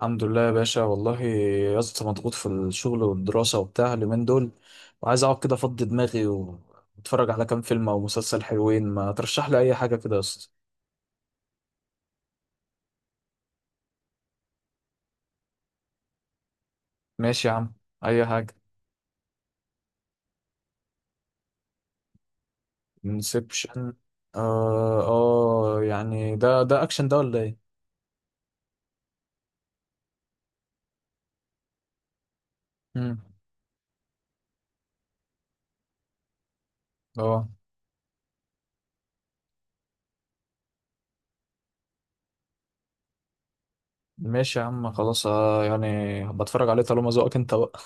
الحمد لله يا باشا، والله يا اسطى مضغوط في الشغل والدراسة وبتاع اليومين دول، وعايز اقعد كده افضي دماغي واتفرج على كام فيلم او مسلسل حلوين. ما ترشح لي اي حاجة كده يا اسطى؟ ماشي يا عم. اي حاجة. انسبشن. اه اه، يعني ده اكشن ده ولا ايه؟ امم اه، ماشي يا عم خلاص. يعني بتفرج عليه طالما ذوقك انت بقى.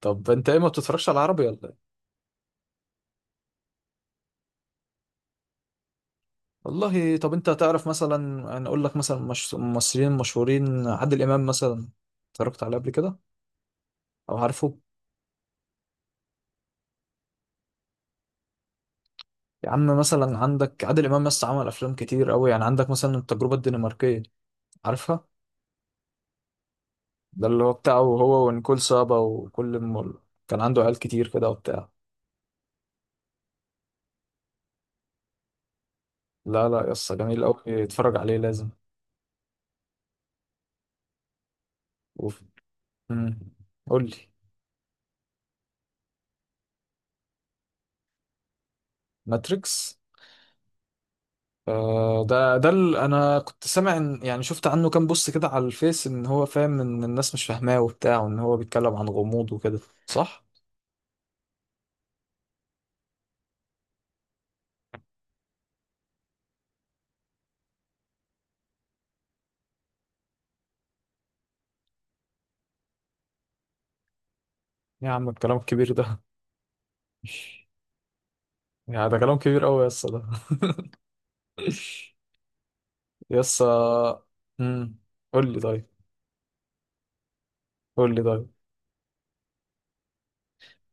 طب انت ايه، ما بتتفرجش على عربي ولا إيه؟ والله، طب انت تعرف مثلا، انا اقول لك مثلا مش... ممثلين مشهورين، عادل امام مثلا، اتفرجت عليه قبل كده او عارفه؟ يا عم، مثلا عندك عادل امام بس، عمل افلام كتير قوي. يعني عندك مثلا التجربه الدنماركيه، عارفها؟ ده اللي هو بتاعه هو ونيكول سابا، وكل كان عنده عيال كتير كده وبتاع. لا لا يا اسطى، جميل قوي، اتفرج عليه لازم. وف... مم. قول لي. ماتريكس. ده انا كنت سامع ان، يعني شفت عنه كام بوست كده على الفيس، ان هو فاهم ان الناس مش فاهماه وبتاع، وان هو بيتكلم عن غموض وكده. صح. يا عم الكلام الكبير ده يعني ده كلام كبير قوي يا اسطى ده. يا اسطى. امم قول لي طيب. قول لي طيب.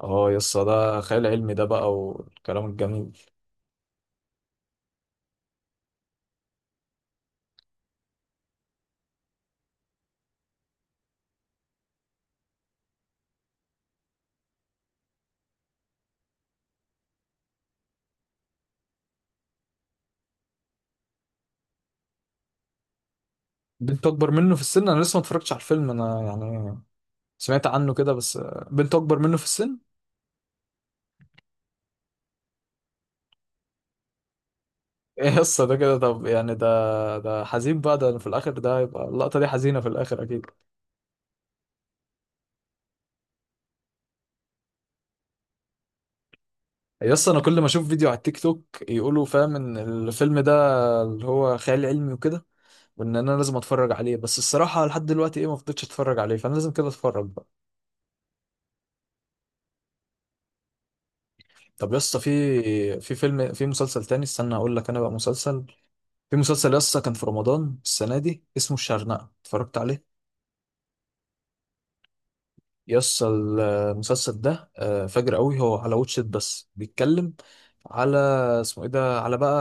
اه يا اسطى، ده خيال علمي ده بقى والكلام الجميل. بنت اكبر منه في السن؟ انا لسه ما اتفرجتش على الفيلم انا، يعني سمعت عنه كده بس. بنت اكبر منه في السن. ايه قصة ده كده؟ طب يعني ده حزين بقى ده في الاخر، ده هيبقى اللقطة دي حزينة في الاخر اكيد. يس، انا كل ما اشوف فيديو على التيك توك يقولوا، فاهم ان الفيلم ده اللي هو خيال علمي وكده، وان انا لازم اتفرج عليه. بس الصراحة لحد دلوقتي ايه، ما فضلتش اتفرج عليه، فانا لازم كده اتفرج بقى. طب يس، في فيلم، في مسلسل تاني، استنى اقول لك انا بقى. مسلسل، في مسلسل يس كان في رمضان السنة دي، اسمه الشرنقة، اتفرجت عليه؟ يس المسلسل ده، فجر قوي. هو على واتشت، بس بيتكلم على، اسمه ايه ده، على بقى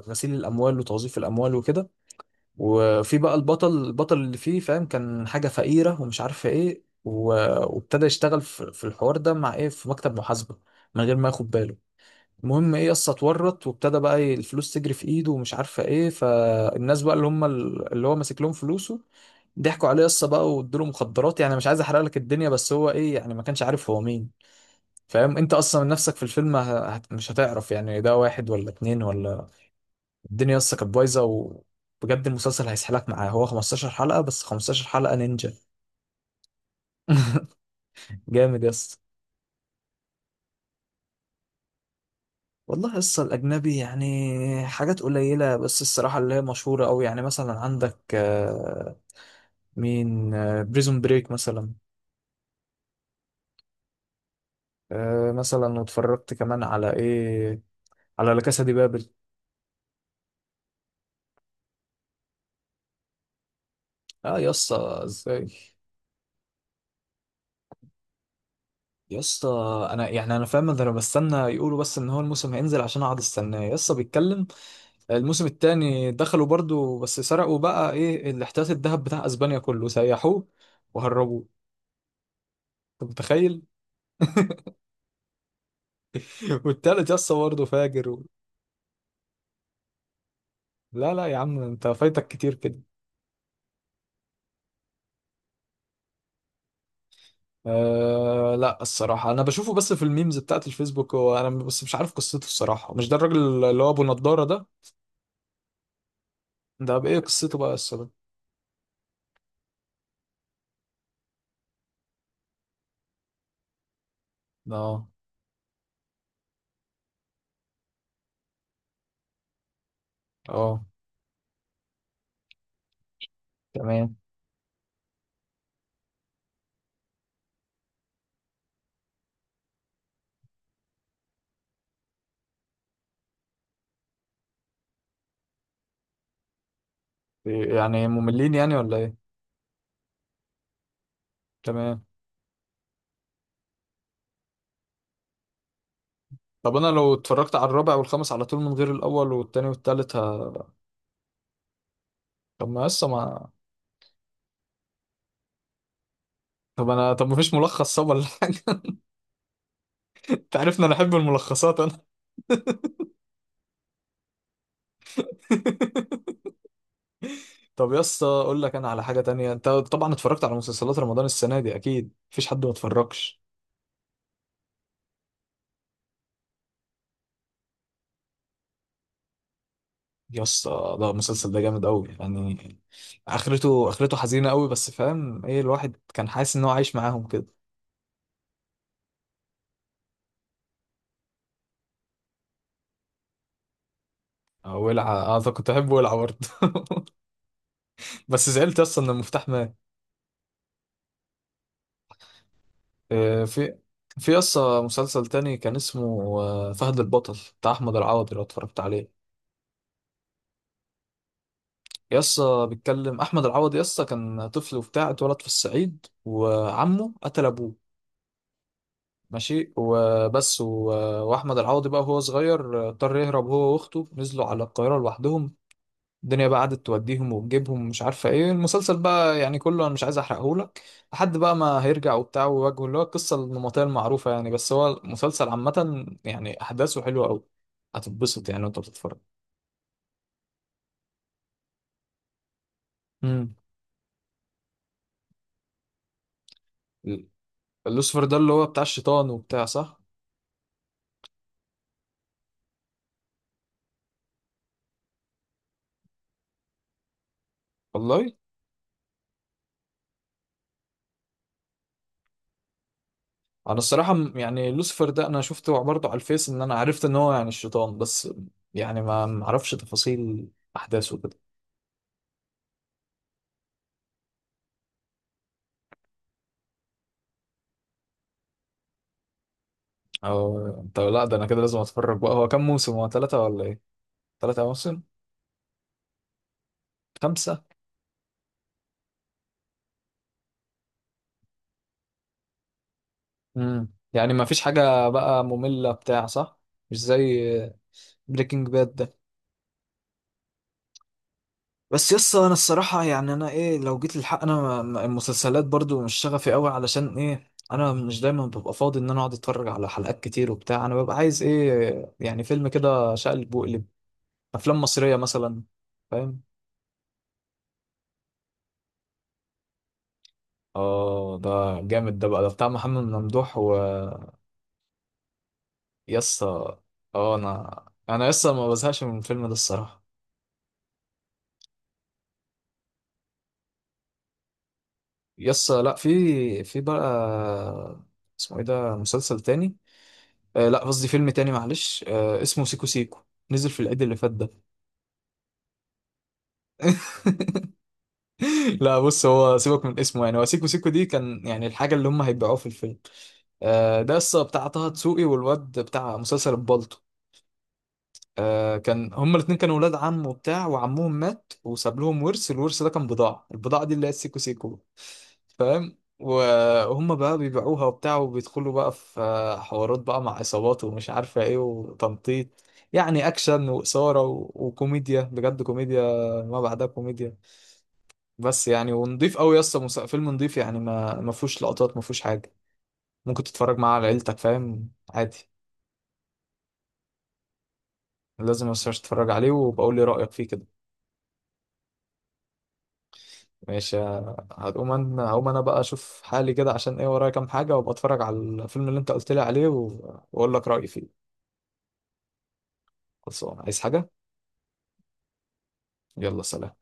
غسيل الاموال وتوظيف الاموال وكده. وفي بقى البطل، البطل اللي فيه فاهم، كان حاجه فقيره ومش عارفه ايه، وابتدى يشتغل في الحوار ده مع ايه، في مكتب محاسبه، من غير ما ياخد باله. المهم ايه، يس اتورط، وابتدى بقى إيه الفلوس تجري في ايده ومش عارفه ايه. فالناس بقى اللي هم اللي هو ماسك لهم فلوسه ضحكوا عليه، قصه بقى، وادوا له مخدرات. يعني مش عايز احرق لك الدنيا، بس هو ايه يعني، ما كانش عارف هو مين. فاهم انت اصلا من نفسك في الفيلم مش هتعرف، يعني ده واحد ولا اتنين ولا. الدنيا لسه كانت بايظه، وبجد المسلسل هيسحلك معاه، هو 15 حلقه بس، 15 حلقه نينجا. جامد يا اسطى. والله يسطا، الأجنبي يعني حاجات قليلة بس، الصراحة اللي هي مشهورة أوي. يعني مثلا عندك مين، بريزون بريك مثلا. مثلا واتفرجت كمان على إيه، على لا كاسا دي بابل. اه يا اسطى ازاي؟ يا اسطى، انا يعني انا فاهم ده، انا بستنى يقولوا بس، ان هو الموسم هينزل عشان اقعد استناه يا اسطى. بيتكلم الموسم التاني دخلوا برضو، بس سرقوا بقى ايه الاحتياط الذهب بتاع اسبانيا كله، سيحوه وهربوه. انت متخيل؟ والتالت يا اسطى برضه فاجر لا لا يا عم، انت فايتك كتير كده. آه لا، الصراحة أنا بشوفه بس في الميمز بتاعت الفيسبوك، وأنا بس مش عارف قصته الصراحة. مش ده الراجل اللي هو أبو نضارة ده؟ ده بإيه قصته بقى الصراحة؟ اه، اه. تمام. يعني مملين يعني ولا ايه؟ تمام. طب انا لو اتفرجت على الرابع والخامس على طول من غير الاول والتاني والتالت طب ما لسه ما. طب انا، طب ما فيش ملخص صب ولا حاجه؟ انت عارفني انا احب الملخصات انا. طب يا اسطى، اقول لك انا على حاجه تانية. انت طبعا اتفرجت على مسلسلات رمضان السنه دي، اكيد مفيش حد ما اتفرجش. يا اسطى، ده المسلسل ده جامد قوي يعني. اخرته اخرته حزينه قوي، بس فاهم ايه، الواحد كان حاسس ان هو عايش معاهم كده. ولع؟ اه، طب كنت احب ولع برضه. بس زعلت يسطا ان المفتاح مات. في، في يسطا مسلسل تاني كان اسمه، فهد البطل بتاع احمد العوضي، لو اتفرجت عليه. يسطا بيتكلم، احمد العوضي يسطا كان طفل وبتاع، اتولد في الصعيد وعمه قتل ابوه. ماشي وبس واحمد العوضي بقى وهو صغير، اضطر يهرب هو واخته، نزلوا على القاهره لوحدهم. الدنيا بقى قعدت توديهم وتجيبهم ومش عارفه ايه. المسلسل بقى يعني كله انا مش عايز احرقهولك، لحد بقى ما هيرجع وبتاع ويواجهه اللي هو القصه النمطيه المعروفه يعني. بس هو المسلسل عامه يعني احداثه حلوه قوي، هتتبسط يعني وانت بتتفرج. امم لوسيفر ده اللي هو بتاع الشيطان وبتاع، صح؟ والله، انا الصراحه يعني لوسيفر ده انا شفته برضه على الفيس، ان انا عرفت ان هو يعني الشيطان، بس يعني ما اعرفش تفاصيل احداثه كده. او طب، لا ده انا كده لازم اتفرج بقى. هو كام موسم، هو ثلاثه ولا ايه؟ ثلاثه مواسم. خمسة. يعني ما فيش حاجة بقى مملة بتاع صح؟ مش زي بريكنج باد ده؟ بس يس، انا الصراحة يعني انا ايه، لو جيت للحق انا المسلسلات برضو مش شغفي قوي، علشان ايه، انا مش دايما ببقى فاضي ان انا اقعد اتفرج على حلقات كتير وبتاع. انا ببقى عايز ايه يعني، فيلم كده شقلب وقلب. افلام مصرية مثلا. فاهم؟ اه ده جامد ده بقى، ده بتاع محمد ممدوح و. يسا، اه انا، انا يسا ما بزهقش من الفيلم ده الصراحة. يس لا، في في بقى، اسمه ايه ده، مسلسل تاني، آه لا قصدي فيلم تاني معلش، آه اسمه سيكو سيكو، نزل في العيد اللي فات ده. لا بص، هو سيبك من اسمه، يعني هو سيكو سيكو دي كان يعني الحاجة اللي هم هيبيعوها في الفيلم. آه، ده قصة بتاع طه دسوقي والواد بتاع مسلسل البالطو. آه كان هما الاتنين كانوا ولاد عم وبتاع، وعمهم مات وساب لهم ورث، الورث ده كان بضاعة، البضاعة دي اللي هي السيكو سيكو. فاهم وهم بقى بيبيعوها وبتاع، وبيدخلوا بقى في حوارات بقى مع عصابات ومش عارفة ايه، وتنطيط يعني، اكشن واثارة وكوميديا، بجد كوميديا ما بعدها كوميديا. بس يعني ونضيف قوي يا اسطى، فيلم نضيف يعني، ما ما فيهوش لقطات، ما فيهوش حاجة. ممكن تتفرج معاه على عيلتك، فاهم عادي. لازم ما تنساش تتفرج عليه، وبقول لي رأيك فيه كده. ماشي. هقوم انا، هقوم انا بقى اشوف حالي كده عشان ايه، ورايا كام حاجة، وابقى اتفرج على الفيلم اللي انت قلت لي عليه واقول لك رأيي فيه. خلصان عايز حاجة. يلا سلام.